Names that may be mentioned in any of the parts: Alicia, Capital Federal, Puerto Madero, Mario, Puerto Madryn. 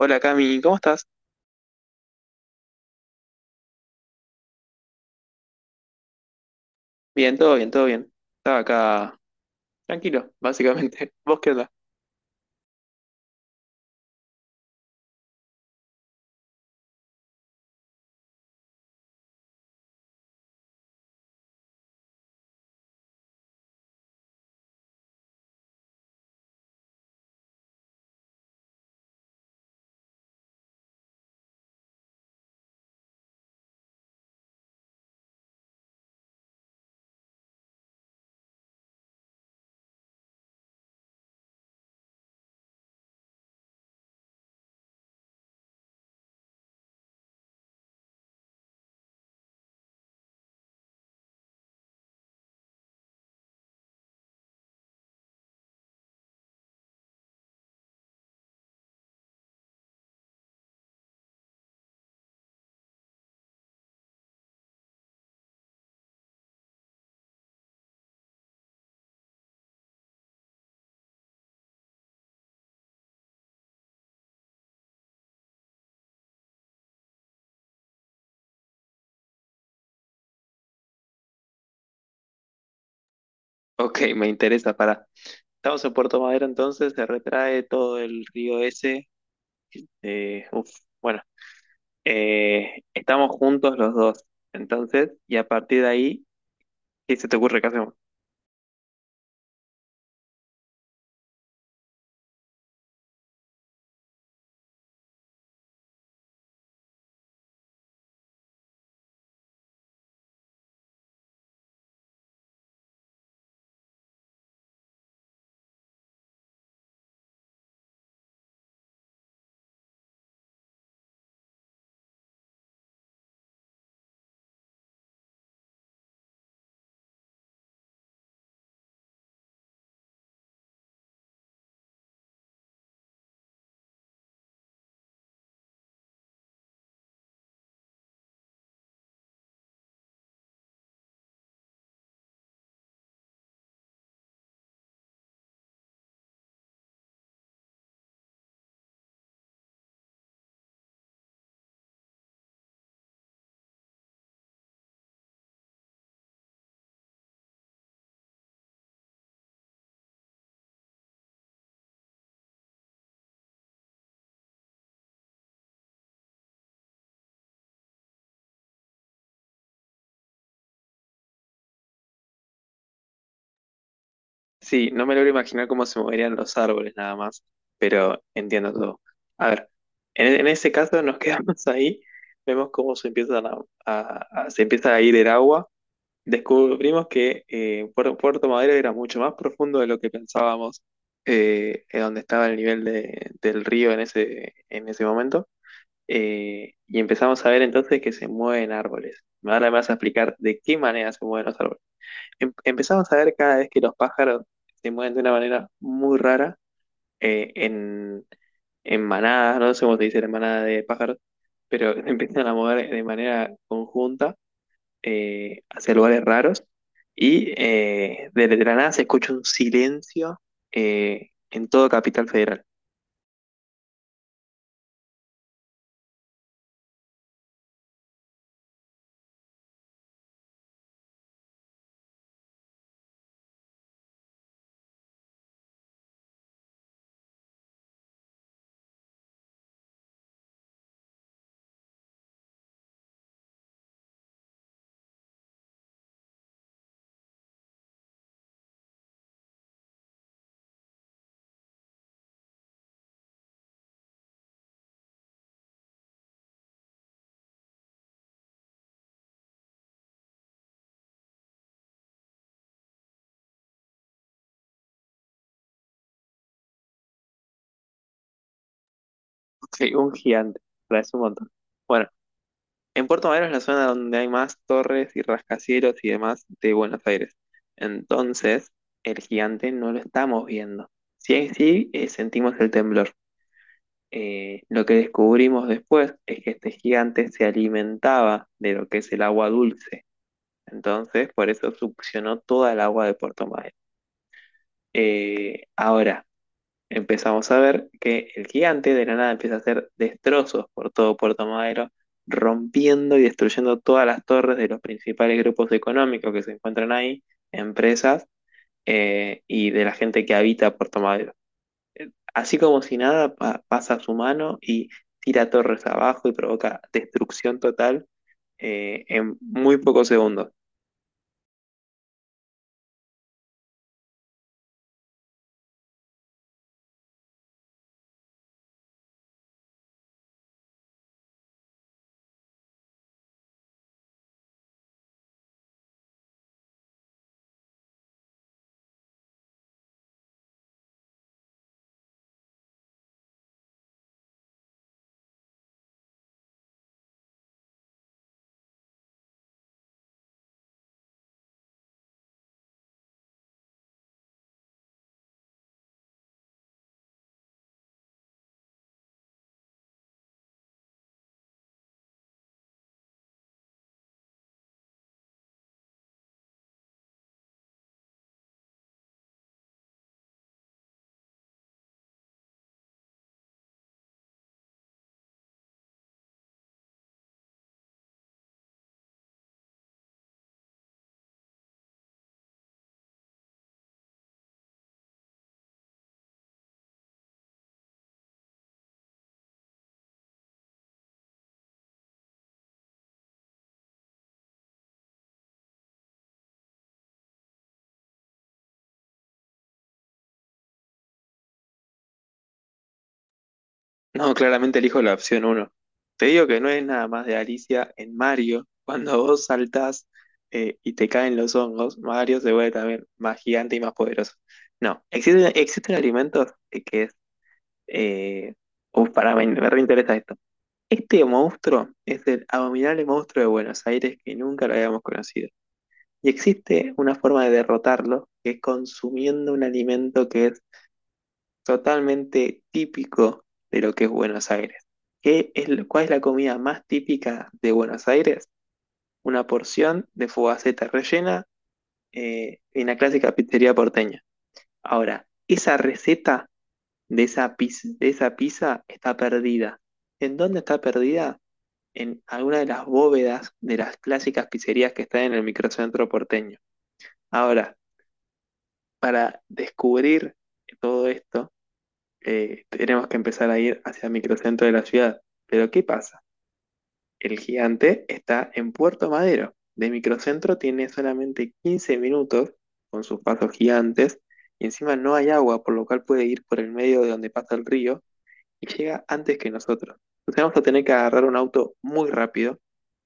Hola Cami, ¿cómo estás? Bien, todo bien, todo bien. Estaba acá tranquilo, básicamente. ¿Vos qué onda? Ok, me interesa, pará. Estamos en Puerto Madero entonces, se retrae todo el río ese. eh, uf, bueno, estamos juntos los dos. Entonces, y a partir de ahí, ¿qué se te ocurre que hacemos? Sí, no me logro imaginar cómo se moverían los árboles nada más, pero entiendo todo. A ver, en ese caso nos quedamos ahí, vemos cómo se empieza a ir el agua. Descubrimos que Puerto Madero era mucho más profundo de lo que pensábamos, en donde estaba el nivel del río en en ese momento. Y empezamos a ver entonces que se mueven árboles. Ahora me vas a explicar de qué manera se mueven los árboles. Empezamos a ver cada vez que los pájaros se mueven de una manera muy rara, eh, en, en manadas, no sé cómo se dice la manada de pájaros, pero empiezan a mover de manera conjunta hacia lugares raros y desde la nada se escucha un silencio en todo Capital Federal. Un gigante, parece un montón. Bueno, en Puerto Madero es la zona donde hay más torres y rascacielos y demás de Buenos Aires. Entonces, el gigante no lo estamos viendo. Sí, sí, sentimos el temblor. Lo que descubrimos después es que este gigante se alimentaba de lo que es el agua dulce. Entonces, por eso succionó toda el agua de Puerto Madryn. Eh, ahora, Empezamos a ver que el gigante de la nada empieza a hacer destrozos por todo Puerto Madero, rompiendo y destruyendo todas las torres de los principales grupos económicos que se encuentran ahí, empresas y de la gente que habita Puerto Madero. Así como si nada, pasa su mano y tira torres abajo y provoca destrucción total en muy pocos segundos. No, claramente elijo la opción uno. Te digo que no es nada más de Alicia en Mario. Cuando vos saltás y te caen los hongos, Mario se vuelve también más gigante y más poderoso. No, existen alimentos que es... Eh, Pará, me reinteresa esto. Este monstruo es el abominable monstruo de Buenos Aires que nunca lo habíamos conocido. Y existe una forma de derrotarlo, que es consumiendo un alimento que es totalmente típico de lo que es Buenos Aires. ¿Qué es, cuál es la comida más típica de Buenos Aires? Una porción de fogaceta rellena en la clásica pizzería porteña. Ahora, esa receta de esa pizza está perdida. ¿En dónde está perdida? En alguna de las bóvedas de las clásicas pizzerías que están en el microcentro porteño. Ahora, para descubrir todo esto, tenemos que empezar a ir hacia el microcentro de la ciudad. Pero ¿qué pasa? El gigante está en Puerto Madero. De microcentro tiene solamente 15 minutos con sus pasos gigantes y encima no hay agua, por lo cual puede ir por el medio de donde pasa el río y llega antes que nosotros. Entonces vamos a tener que agarrar un auto muy rápido,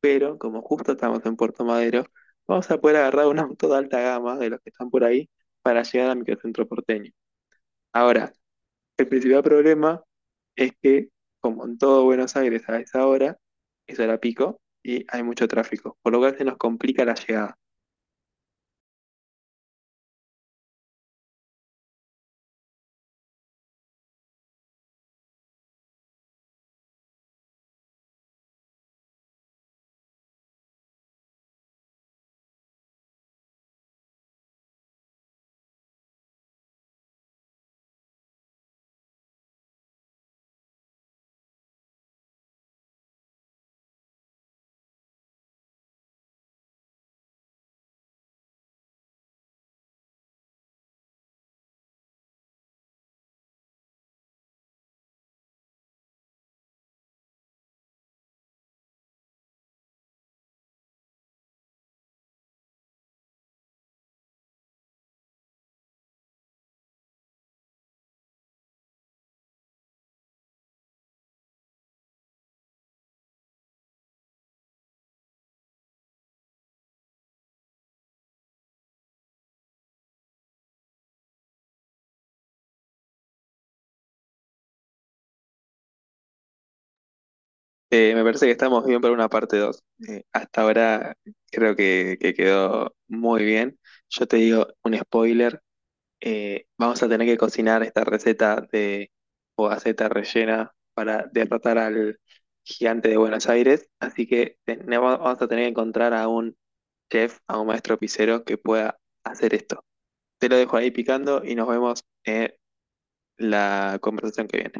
pero como justo estamos en Puerto Madero, vamos a poder agarrar un auto de alta gama de los que están por ahí para llegar al microcentro porteño. Ahora, el principal problema es que, como en todo Buenos Aires a esa hora, es hora pico y hay mucho tráfico, por lo cual se nos complica la llegada. Me parece que estamos bien para una parte 2. Hasta ahora creo que quedó muy bien. Yo te digo un spoiler, vamos a tener que cocinar esta receta de fugaceta rellena para derrotar al gigante de Buenos Aires, así que vamos a tener que encontrar a un chef a un maestro pisero que pueda hacer esto. Te lo dejo ahí picando y nos vemos en la conversación que viene.